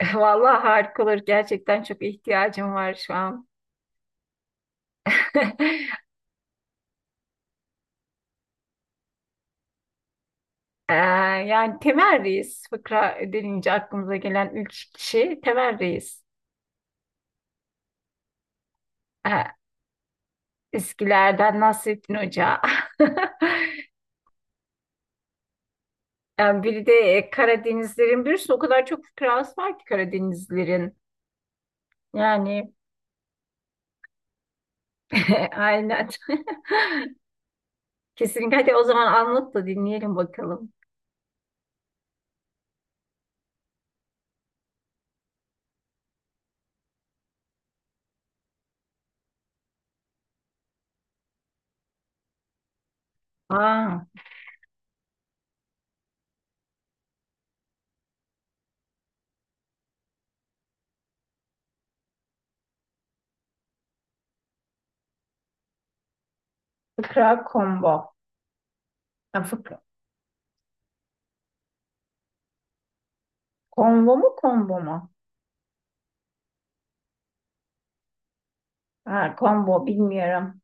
Vallahi harika olur. Gerçekten çok ihtiyacım var şu an. Ee, yani Temel Reis fıkra denince aklımıza gelen ilk kişi Temel Reis. Ee, Eskilerden Nasrettin Hoca. Yani bir de Karadenizlerin birisi o kadar çok fıkrası var ki Karadenizlerin. Yani aynen. Kesinlikle. Hadi o zaman anlat da dinleyelim bakalım. Aa, fıkra combo. Ya, fıkra. Combo mu? Ha, combo bilmiyorum.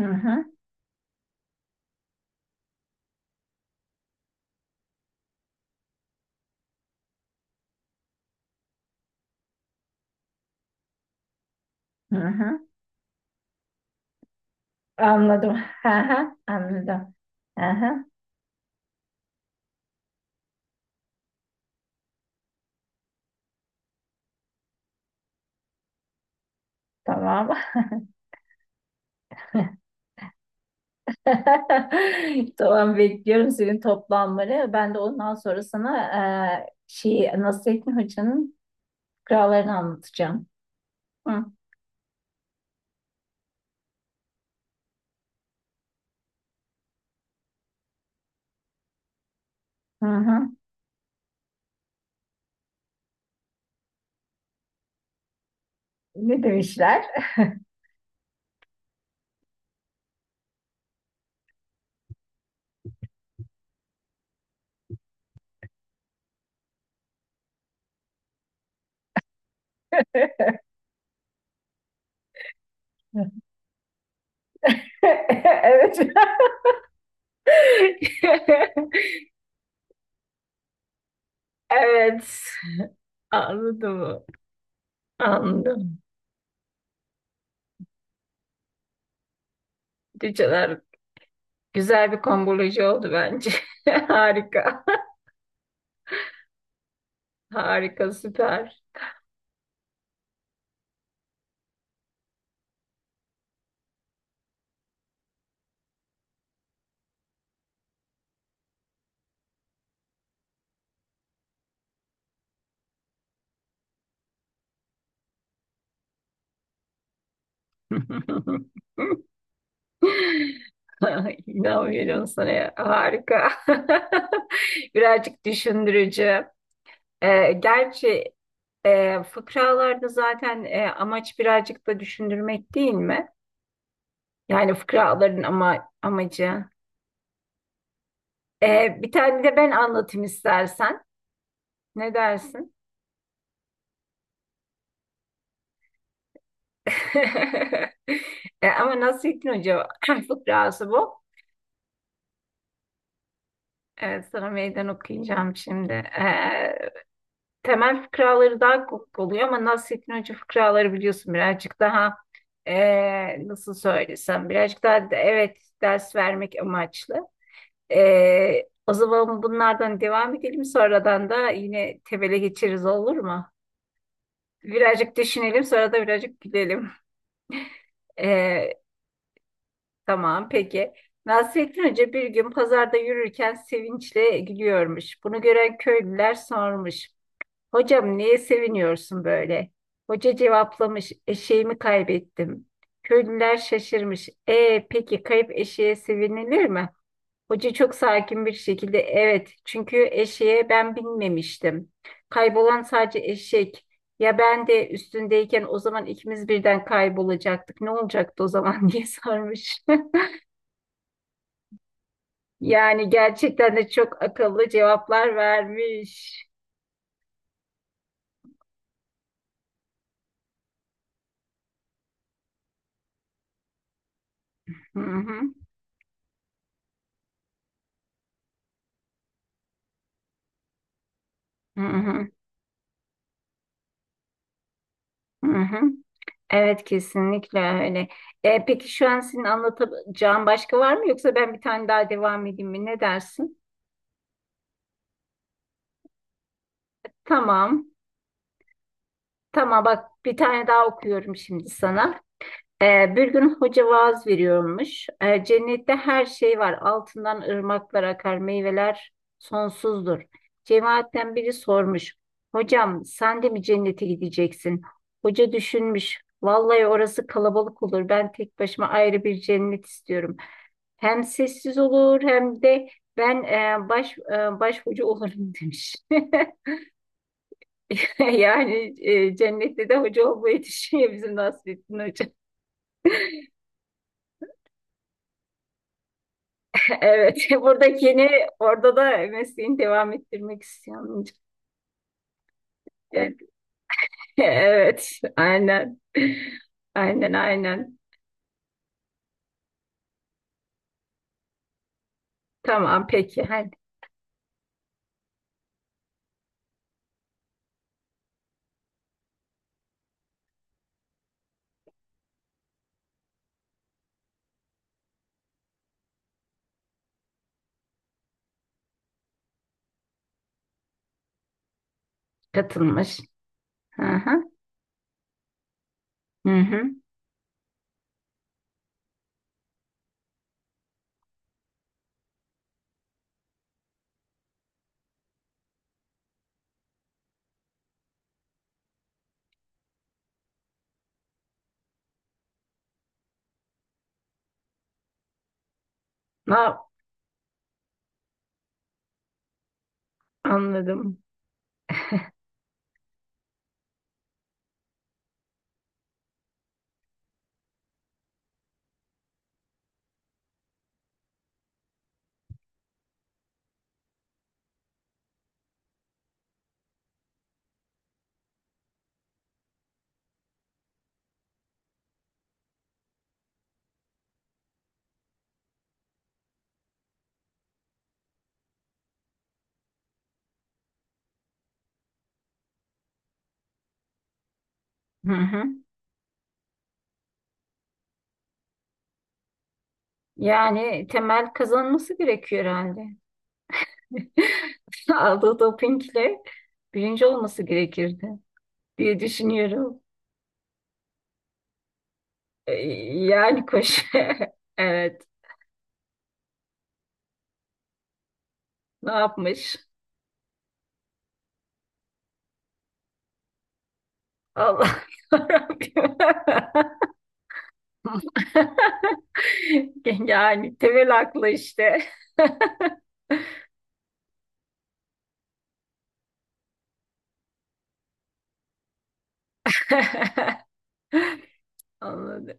Hı hı. Hı hı. Anladım. Hı hı. Anladım. Hı hı. Tamam. Tamam, bekliyorum senin toplanmanı. Ben de ondan sonra sana şey Nasrettin Hoca'nın fıkralarını anlatacağım. Hı hı. Hı. Ne demişler? Evet. Evet. Anladım. Anladım. Cüceler güzel bir komboloji oldu bence. Harika. Harika, süper. İnanmıyorum sana ya. Harika. Birazcık düşündürücü. Gerçi fıkralarda zaten amaç birazcık da düşündürmek değil mi? Yani fıkraların ama amacı. Bir tane de ben anlatayım istersen. Ne dersin? E, ama Nasrettin Hoca fıkrası bu. Sana meydan okuyacağım şimdi. Temel fıkraları daha kopuk oluyor ama Nasrettin Hoca fıkraları biliyorsun birazcık daha nasıl söylesem birazcık daha evet, ders vermek amaçlı. O zaman bunlardan devam edelim, sonradan da yine tebele geçeriz, olur mu? Birazcık düşünelim sonra da birazcık gülelim. Ee, tamam, peki. Nasrettin Hoca bir gün pazarda yürürken sevinçle gülüyormuş. Bunu gören köylüler sormuş. Hocam, neye seviniyorsun böyle? Hoca cevaplamış, eşeğimi kaybettim. Köylüler şaşırmış. E peki, kayıp eşeğe sevinilir mi? Hoca çok sakin bir şekilde evet, çünkü eşeğe ben binmemiştim. Kaybolan sadece eşek. Ya ben de üstündeyken o zaman ikimiz birden kaybolacaktık. Ne olacaktı o zaman diye sarmış. Yani gerçekten de çok akıllı cevaplar vermiş. Hı hı, hı hı, hı hı. Evet, kesinlikle öyle. E, peki şu an senin anlatacağın başka var mı yoksa ben bir tane daha devam edeyim mi? Ne dersin? Tamam. Tamam, bak bir tane daha okuyorum şimdi sana. E, bir gün hoca vaaz veriyormuş. E, cennette her şey var. Altından ırmaklar akar, meyveler sonsuzdur. Cemaatten biri sormuş. Hocam, sen de mi cennete gideceksin? Hoca düşünmüş. Vallahi orası kalabalık olur. Ben tek başıma ayrı bir cennet istiyorum. Hem sessiz olur hem de ben baş hoca olurum demiş. Yani cennette de hoca olmayı düşünüyor bizim Nasrettin Hoca. Evet, buradakini orada da mesleğini devam ettirmek istiyorum. Evet, evet, aynen. Aynen, aynen. Tamam, peki. Hadi. Katılmış. Hı hı. Hı hı. Ha, anladım. Hı hı. Yani temel kazanması gerekiyor herhalde. Aldığı dopingle birinci olması gerekirdi diye düşünüyorum. Ee, Yani koş. Evet. Ne yapmış? Allah yarabbim. Yani temel aklı işte. Anladım.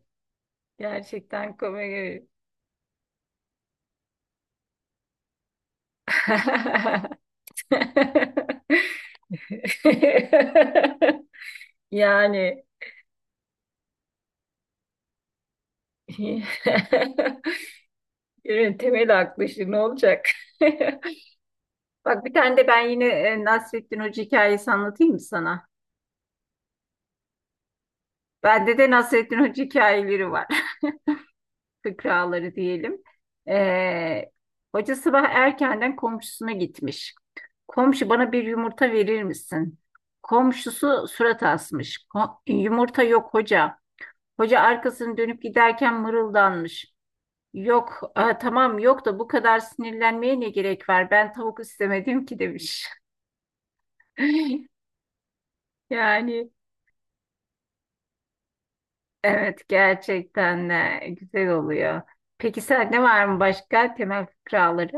Gerçekten komik. Yani ürün temel aklı işte, ne olacak? Bak, bir tane de ben yine Nasrettin Hoca hikayesi anlatayım mı sana? Bende de Nasrettin Hoca hikayeleri var. Fıkraları diyelim. Ee, Hoca sabah erkenden komşusuna gitmiş. Komşu, bana bir yumurta verir misin? Komşusu surat asmış. Yumurta yok hoca. Hoca arkasını dönüp giderken mırıldanmış. Yok, "Aa, tamam yok da bu kadar sinirlenmeye ne gerek var? Ben tavuk istemedim ki demiş. Yani evet, gerçekten de güzel oluyor. Peki sende var mı başka temel fıkraları?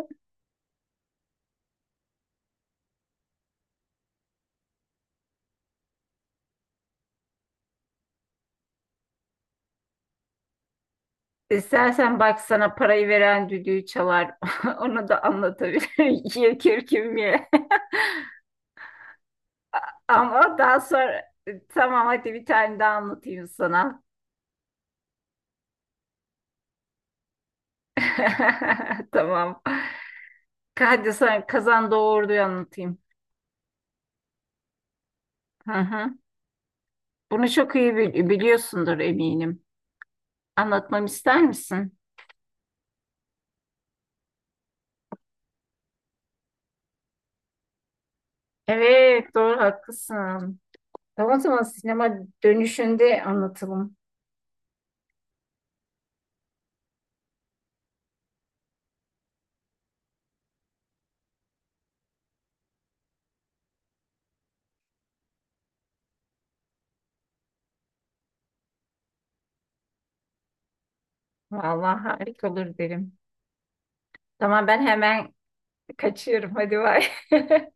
İstersen bak, sana parayı veren düdüğü çalar. Onu da anlatabilirim. Ye kürküm ye. Ama daha sonra tamam, hadi bir tane daha anlatayım sana. Tamam. Hadi sana kazan doğurduyu anlatayım. Hı hı. Bunu çok iyi biliyorsundur eminim. Anlatmamı ister misin? Evet, doğru haklısın. Tamam, o zaman sinema dönüşünde anlatalım. Vallahi harika olur derim. Tamam, ben hemen kaçıyorum. Hadi bay.